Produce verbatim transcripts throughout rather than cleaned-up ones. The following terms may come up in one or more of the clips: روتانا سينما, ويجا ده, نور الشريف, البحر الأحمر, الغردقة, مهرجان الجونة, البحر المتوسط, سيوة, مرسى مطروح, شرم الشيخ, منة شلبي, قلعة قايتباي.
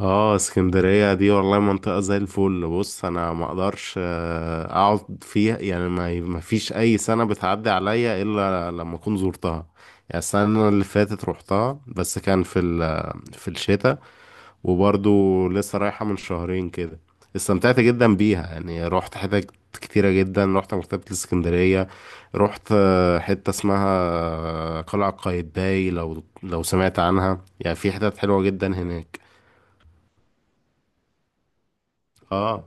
اه اسكندرية دي والله منطقة زي الفل. بص انا ما اقدرش آه، اقعد فيها يعني ما ما فيش اي سنة بتعدي عليا الا لما اكون زرتها. يعني السنة اللي فاتت روحتها بس كان في ال- في الشتاء. وبرضو لسه رايحة من شهرين كده. استمتعت جدا بيها يعني روحت حتت كتيرة جدا. روحت مكتبة الاسكندرية. روحت آه، حتة اسمها آه، قلعة قايتباي. لو لو سمعت عنها، يعني في حتت حلوة جدا هناك. اه.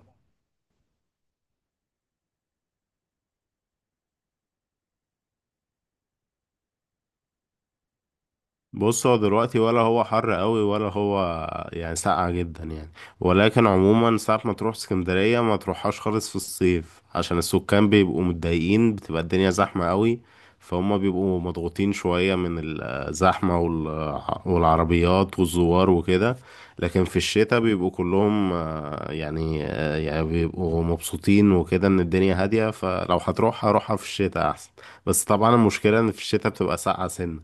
بص هو دلوقتي ولا هو حر قوي ولا هو يعني ساقع جدا يعني. ولكن عموما ساعة ما تروح اسكندرية ما تروحهاش خالص في الصيف، عشان السكان بيبقوا متضايقين، بتبقى الدنيا زحمة قوي. فهم بيبقوا مضغوطين شوية من الزحمة وال- والعربيات والزوار وكده. لكن في الشتاء بيبقوا كلهم آه، يعني آه، يعني بيبقوا مبسوطين وكده، ان الدنيا هادية. فلو هتروح هروحها في الشتاء احسن. بس طبعا المشكلة ان في الشتاء بتبقى ساقعة سنة.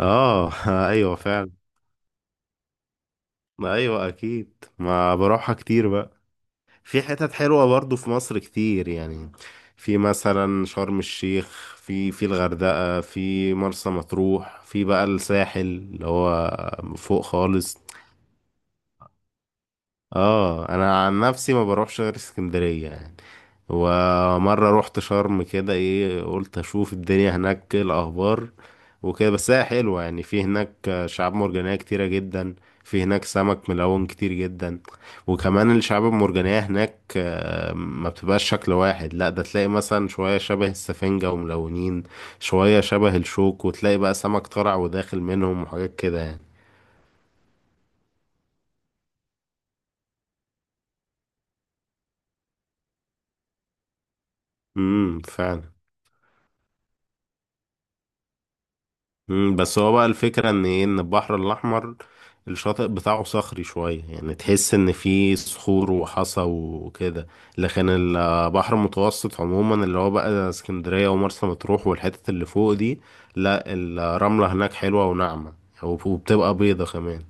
اه ايوه فعلا. ما ايوه اكيد. ما بروحها كتير بقى. في حتت حلوه برضو في مصر كتير يعني. في مثلا شرم الشيخ، في في الغردقه، في مرسى مطروح، في بقى الساحل اللي هو فوق خالص. اه انا عن نفسي ما بروحش غير اسكندرية يعني. ومرة رحت شرم كده، ايه قلت اشوف الدنيا هناك إيه الاخبار وكده. بس هي حلوة يعني. في هناك شعاب مرجانية كتيرة جدا. في هناك سمك ملون كتير جدا. وكمان الشعاب المرجانية هناك آه، ما بتبقاش شكل واحد، لا ده تلاقي مثلا شوية شبه السفنجة وملونين، شوية شبه الشوك، وتلاقي بقى سمك طالع وداخل منهم وحاجات كده يعني. امم فعلا. مم، بس هو بقى الفكرة ان ايه، ان البحر الاحمر الشاطئ بتاعه صخري شوية، يعني تحس ان فيه صخور وحصى وكده. لكن البحر المتوسط عموما اللي هو بقى اسكندرية ومرسى مطروح والحتت اللي فوق دي، لا الرملة هناك حلوة وناعمة وبتبقى بيضة كمان.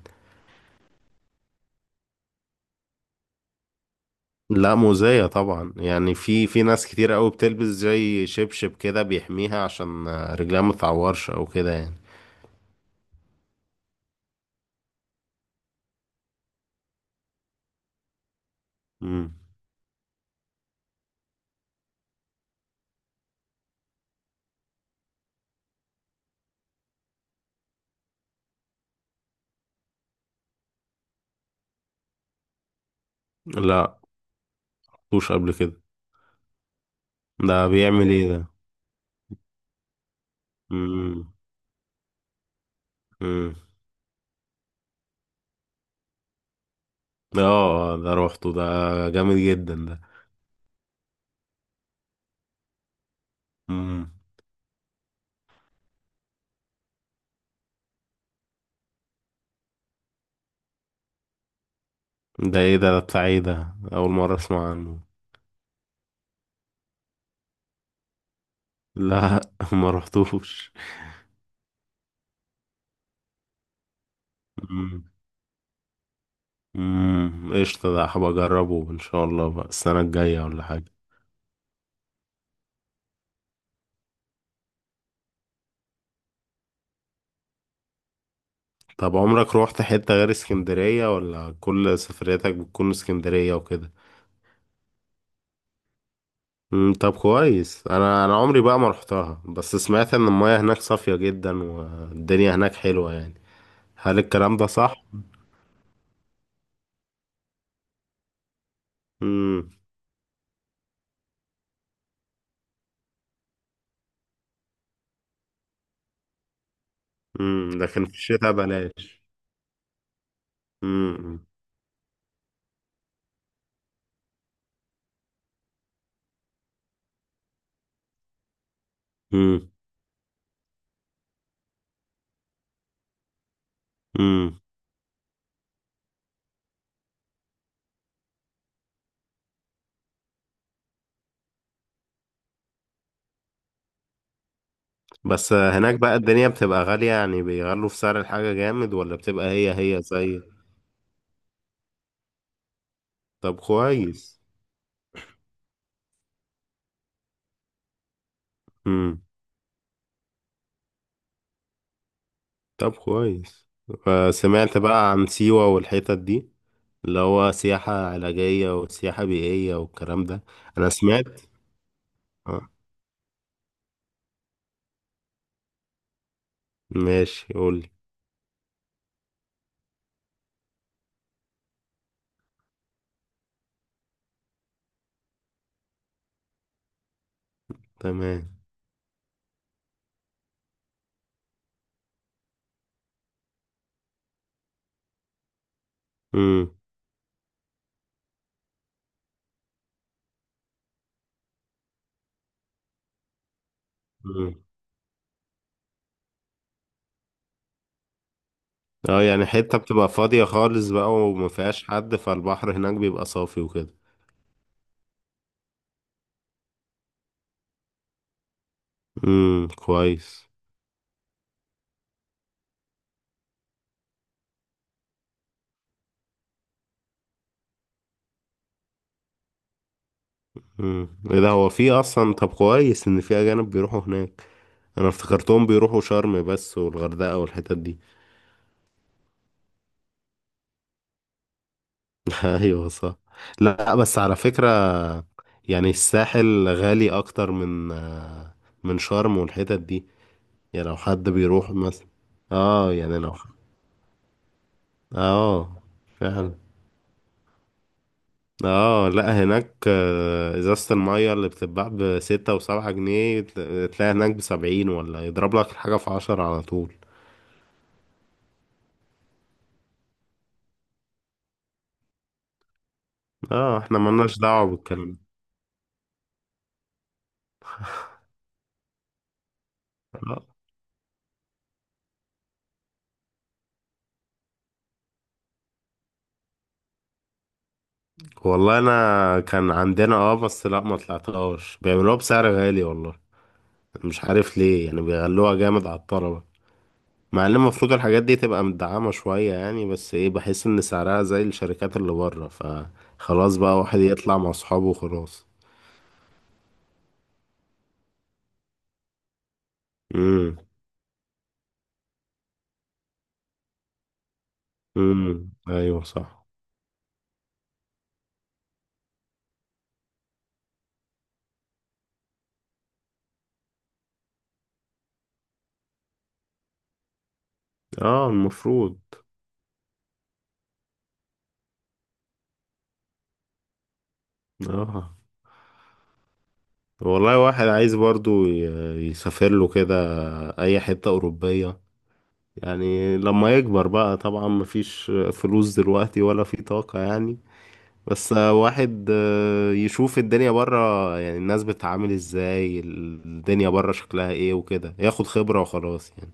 لا مؤذية طبعا يعني، في في ناس كتير قوي بتلبس زي شبشب كده بيحميها عشان رجلها متعورش او كده يعني. مم. لا مش قبل كده. ده بيعمل ايه ده. امم. امم. اه ده روحته ده. جامد جدا ده. امم. ده ايه ده ده بتاع ايه ده، اول مره اسمع عنه. لا ما رحتوش. امم. امم قشطه، ده هبقى اجربه ان شاء الله بقى السنه الجايه ولا حاجه. طب عمرك روحت حته غير اسكندريه، ولا كل سفرياتك بتكون اسكندريه وكده؟ امم طب كويس. انا انا عمري بقى ما رحتها، بس سمعت ان المياه هناك صافيه جدا والدنيا هناك حلوه يعني. هل الكلام ده صح؟ امم لكن في الشتاء بلاش. امم. امم. امم بس هناك بقى الدنيا بتبقى غالية يعني، بيغلوا في سعر الحاجة جامد، ولا بتبقى هي هي زي. طب كويس. امم طب كويس. آه، سمعت بقى عن سيوة والحتت دي، اللي هو سياحة علاجية وسياحة بيئية والكلام ده. أنا سمعت. آه. ماشي قولي. تمام. امم. امم. اه يعني حتة بتبقى فاضية خالص بقى وما فيهاش حد، فالبحر هناك بيبقى صافي وكده. امم كويس. امم ايه ده، هو في اصلا؟ طب كويس ان في اجانب بيروحوا هناك. انا افتكرتهم بيروحوا شرم بس والغردقة والحتت دي. ايوه صح. لا بس على فكرة، يعني الساحل غالي اكتر من آه، من شرم والحتت دي. يعني لو حد بيروح مثلا، اه يعني لو. اه فعلا. اه لا هناك آه، ازازة المية اللي بتتباع بستة وسبعة جنيه، ت- تلاقي هناك بسبعين، ولا يضرب لك الحاجة في عشرة على طول. اه احنا ملناش دعوة بالكلام ده. آه. والله انا كان عندنا اه، بس لا ما طلعتهاش، بيعملوها بسعر غالي والله. مش عارف ليه يعني بيغلوها جامد على الطلبة، مع ان المفروض الحاجات دي تبقى مدعمة شوية يعني. بس ايه، بحس ان سعرها زي الشركات اللي بره، فخلاص بقى واحد يطلع مع اصحابه وخلاص. امم. امم ايوه صح. اه المفروض. اه والله واحد عايز برضو ي- يسافر له كده اي حتة اوروبية، يعني لما يكبر بقى طبعا، مفيش فلوس دلوقتي ولا في طاقة يعني. بس واحد آه، يشوف الدنيا برا يعني، الناس بتتعامل ازاي، الدنيا برا شكلها ايه وكده، ياخد خبرة وخلاص يعني.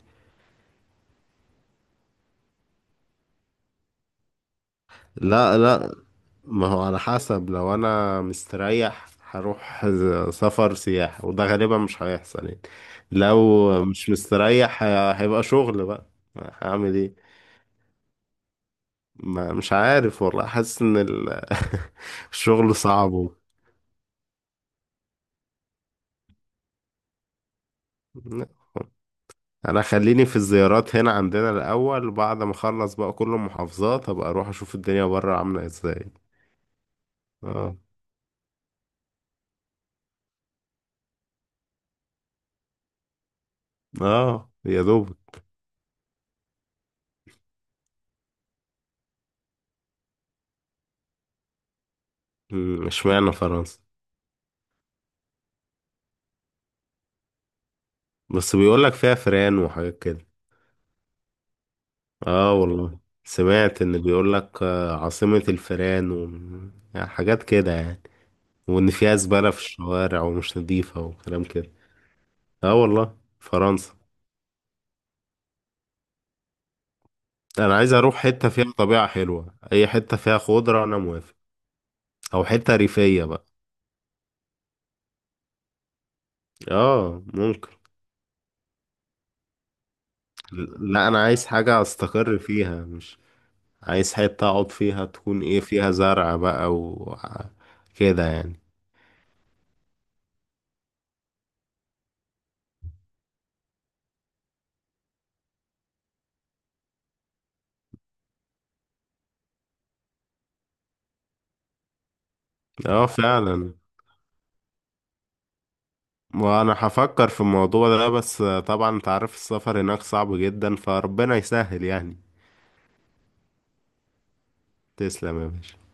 لا لا. ما هو على حسب، لو انا مستريح هروح، ز- سفر سياحة، وده غالبا مش هيحصل يعني. لو مش مستريح، ه- هيبقى شغل بقى. هعمل ايه. ما مش عارف والله، حاسس ان ال- الشغل صعب و- انا خليني في الزيارات هنا عندنا الاول، بعد ما اخلص بقى كل المحافظات ابقى اروح اشوف الدنيا بره عاملة ازاي. اه. اه يا دوبك. مم، اشمعنى فرنسا؟ بس بيقولك فيها فران وحاجات كده. اه والله، سمعت ان بيقول لك آه، عاصمة الفيران و... يعني حاجات كده يعني، وان فيها زبالة في الشوارع ومش نظيفة وكلام كده. اه والله فرنسا. انا عايز اروح حتة فيها طبيعة حلوة، اي حتة فيها خضرة انا موافق. او حتة ريفية بقى. اه ممكن. لا انا عايز حاجة استقر فيها، مش عايز حتة اقعد فيها تكون ايه فيها زرع بقى و كده يعني. اه فعلا. وانا هفكر في الموضوع ده، بس طبعا انت عارف السفر هناك صعب جدا فربنا يسهل يعني. تسلم يا باشا.